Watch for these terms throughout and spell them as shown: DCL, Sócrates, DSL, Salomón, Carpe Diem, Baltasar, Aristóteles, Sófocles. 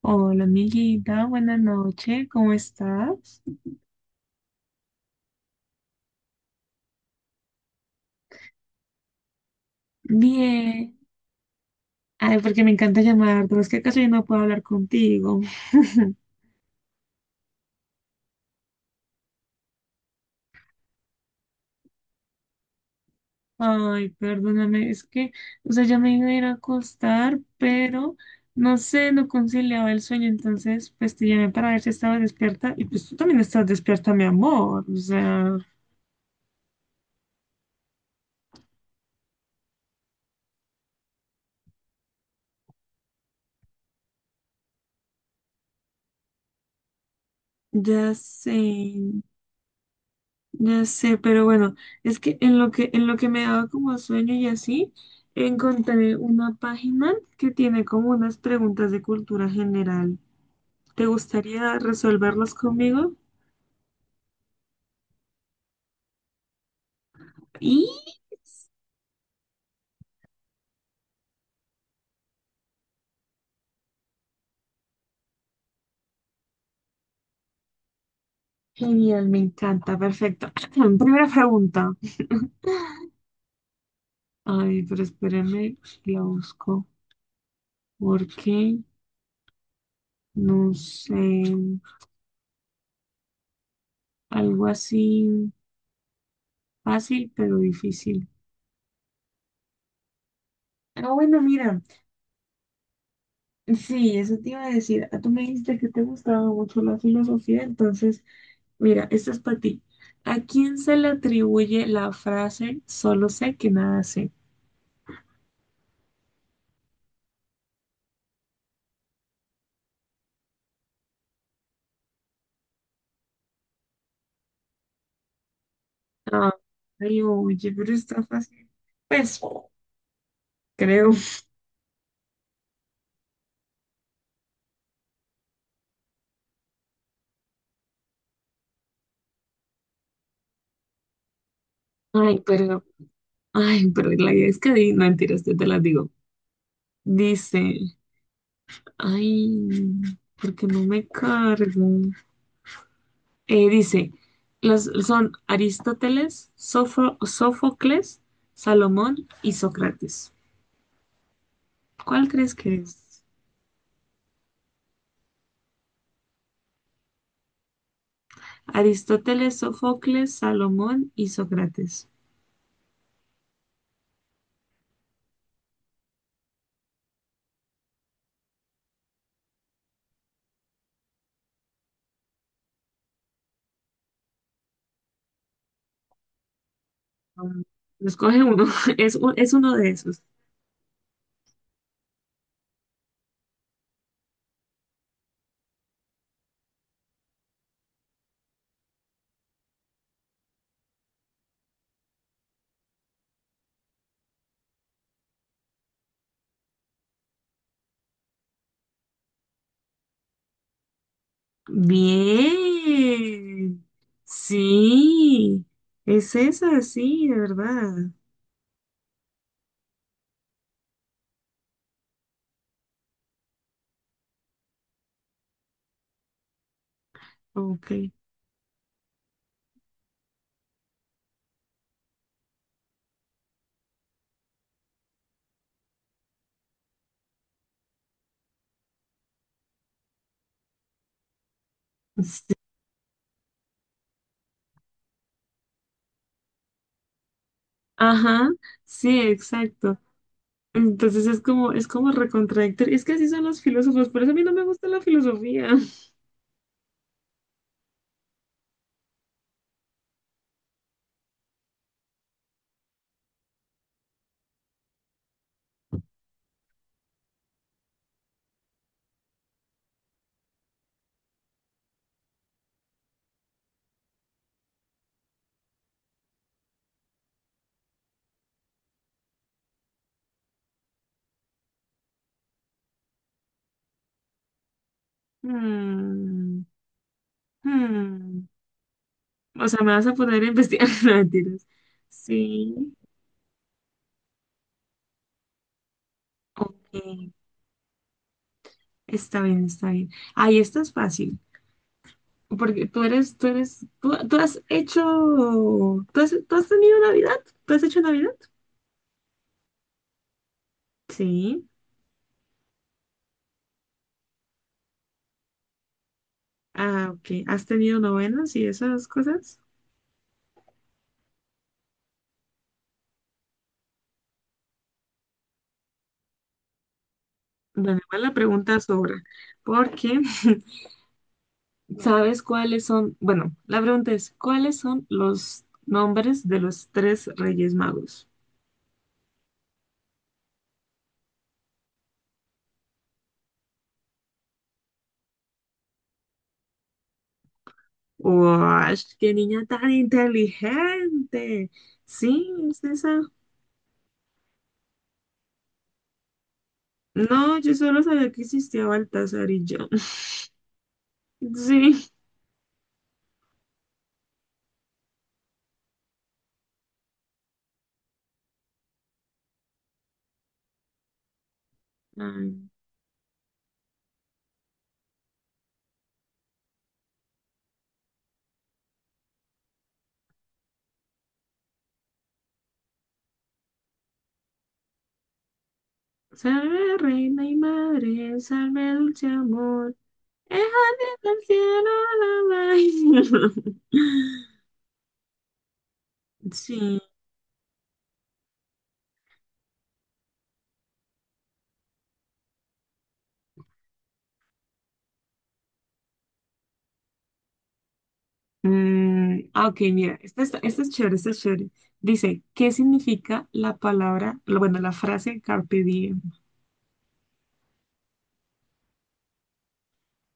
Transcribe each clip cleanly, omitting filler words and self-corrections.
Hola, amiguita, buenas noches, ¿cómo estás? Bien. Ay, porque me encanta llamarte, es que acaso yo no puedo hablar contigo. Ay, perdóname, es que, o sea, ya me iba a ir a acostar, pero no sé, no conciliaba el sueño, entonces, pues te llamé para ver si estabas despierta, y pues tú también estás despierta, mi amor, o sea, ya sé. Ya sé, pero bueno, es que en lo que me daba como sueño y así, encontré una página que tiene como unas preguntas de cultura general. ¿Te gustaría resolverlos conmigo? Y genial, me encanta, perfecto. Primera pregunta. Ay, pero espérenme, la busco. Porque no sé, algo así fácil pero difícil. Ah, bueno, mira. Sí, eso te iba a decir. Ah, tú me dijiste que te gustaba mucho la filosofía, entonces, mira, esto es para ti. ¿A quién se le atribuye la frase solo sé que nada sé? Ah, ay, oye, pero está fácil. Pues, creo. Ay, pero, ay, pero la idea es que di, no, mentiras, yo te las digo. Dice, ay, porque no me cargo. Dice, los, son Aristóteles, Sófocles, Salomón y Sócrates. ¿Cuál crees que es? Aristóteles, Sófocles, Salomón y Sócrates. Mm, escoge uno, es, es uno de esos. Bien, sí, es esa, sí, de verdad. Ok. Sí. Ajá, sí, exacto. Entonces es como recontradictorio. Es que así son los filósofos, por eso a mí no me gusta la filosofía. Mm, mm. O sea, me vas a poner a investigar. No, mentiras. Sí, ok. Está bien, está bien. Ahí esta es fácil. Porque tú has hecho, tú has tenido Navidad, tú has hecho Navidad. Sí. Ah, ok. ¿Has tenido novenas y esas cosas? Bueno, igual la pregunta sobra. Porque. ¿Sabes cuáles son? Bueno, la pregunta es, ¿cuáles son los nombres de los tres Reyes Magos? ¡Uash! ¡Qué niña tan inteligente! Sí, es esa. No, yo solo sabía que existía Baltasar y yo. Sí. Ay, salve reina y madre, salve dulce amor. Déjate del cielo la Sí. Mm, ah, ok, mira, esta es chévere, esta es chévere. Dice, ¿qué significa la palabra, bueno, la frase carpe diem?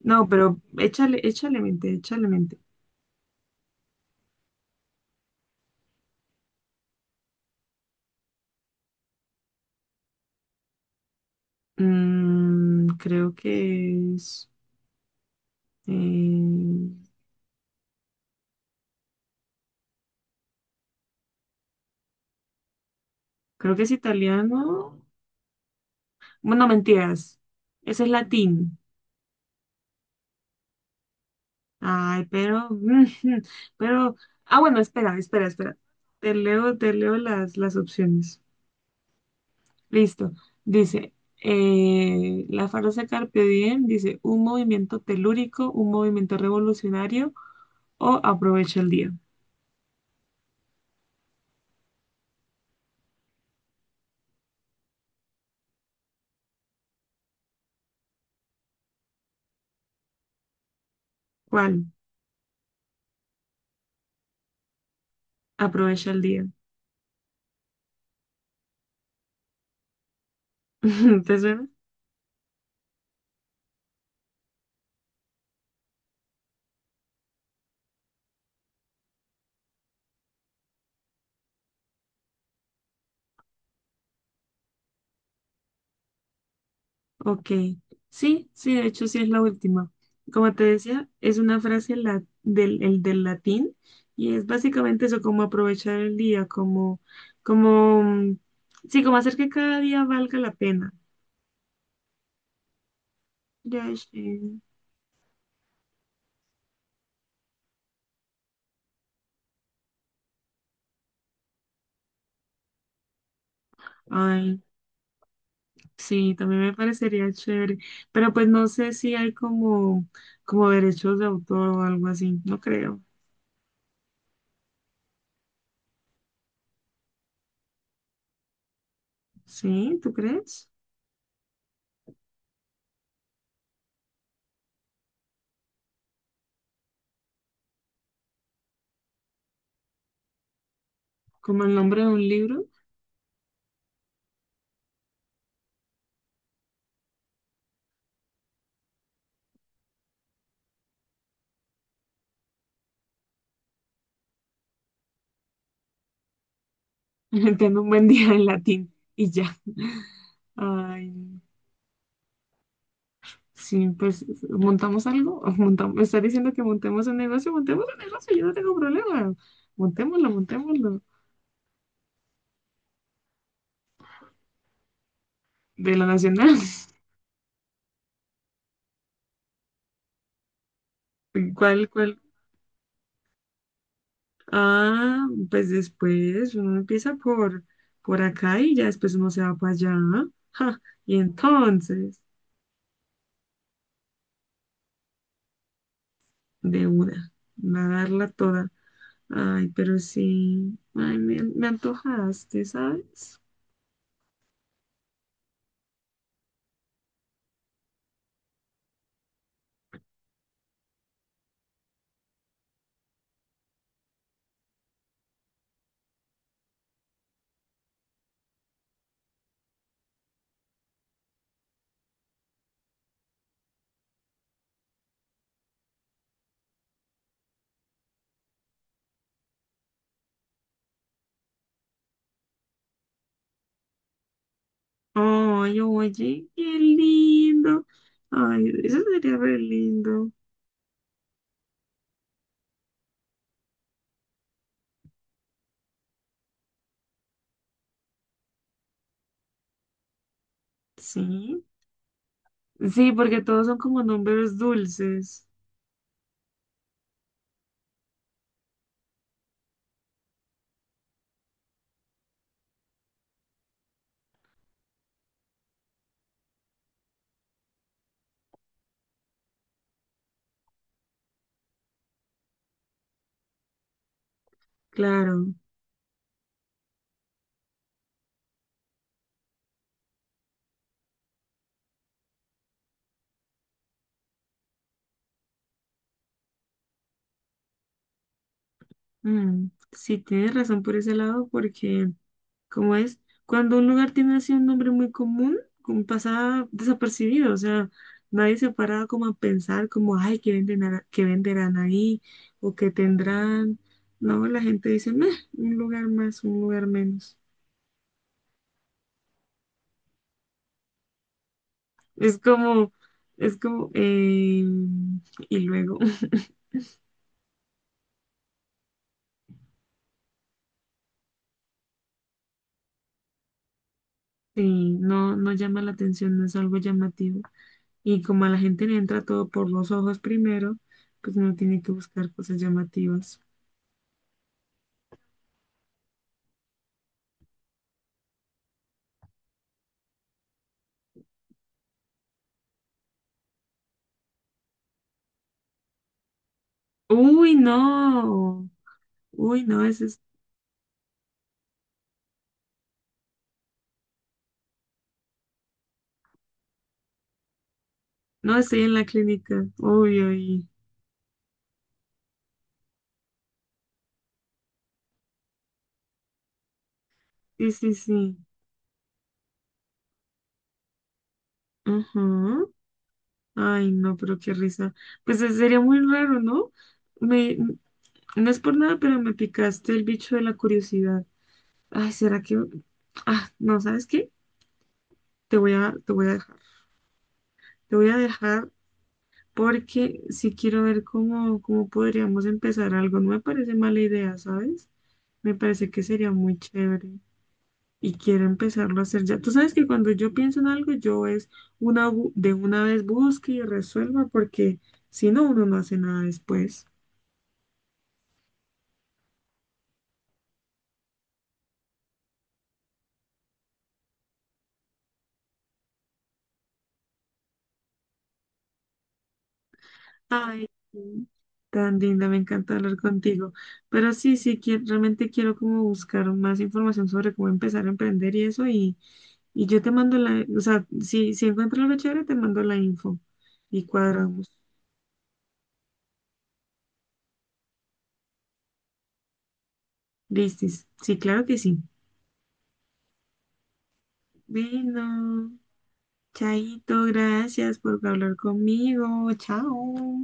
No, pero échale, échale mente, échale mente. Mm, eh, creo que es italiano. Bueno, mentiras, ese es latín. Ay, pero, pero, ah, bueno, espera, espera, espera. Te leo, las opciones. Listo. Dice, la frase Carpe Diem dice, un movimiento telúrico, un movimiento revolucionario o aprovecha el día. ¿Cuál? Aprovecha el día. ¿Te suena? Ok. Sí, sí, de hecho sí es la última. Como te decía, es una frase el del latín y es básicamente eso, como aprovechar el día, como, como, sí, como hacer que cada día valga la pena. Ya sé. Ay. Sí, también me parecería chévere, pero pues no sé si hay como, como derechos de autor o algo así, no creo. ¿Sí? ¿Tú crees? Como el nombre de un libro. Entiendo un buen día en latín y ya. Ay, sí, pues montamos algo, montamos, me está diciendo que montemos un negocio, yo no tengo problema, montémoslo, montémoslo, de la nacional. ¿Cuál, ah, pues después uno empieza por acá y ya después uno se va para allá. ¿No? Ja, y entonces, de una, nadarla toda. Ay, pero sí, ay, me antojaste, ¿sabes? Ay, oye, qué lindo. Ay, eso sería re lindo. Sí, sí, porque todos son como números dulces. Claro. Mm, sí, tienes razón por ese lado, porque. ¿Cómo es? Cuando un lugar tiene así un nombre muy común, como pasa desapercibido, o sea, nadie se para como a pensar como, ay, ¿qué venden, qué venderán ahí? ¿O qué tendrán? No, la gente dice, meh, un lugar más, un lugar menos. Es como, es como, y luego, sí, no, no llama la atención, no es algo llamativo. Y como a la gente le entra todo por los ojos primero, pues no tiene que buscar cosas llamativas. Uy, no. Uy, no, eso es, no estoy en la clínica. Uy, uy. Sí, sí, sí. Ajá. Ay, no, pero qué risa. Pues sería muy raro, ¿no? Me, no es por nada, pero me picaste el bicho de la curiosidad. Ay, ¿será que...? Ah, no, ¿sabes qué? Te voy a dejar. Te voy a dejar porque sí quiero ver cómo, cómo podríamos empezar algo. No me parece mala idea, ¿sabes? Me parece que sería muy chévere. Y quiero empezarlo a hacer ya. Tú sabes que cuando yo pienso en algo, yo es de una vez busque y resuelva, porque si no, uno no hace nada después. Ay, sí, tan linda, me encanta hablar contigo. Pero sí, sí, realmente quiero como buscar más información sobre cómo empezar a emprender y eso, y yo te mando la, o sea, si, si encuentro algo chévere, te mando la info y cuadramos. Listis. Sí, claro que sí. Vino. Chaito, gracias por hablar conmigo. Chao.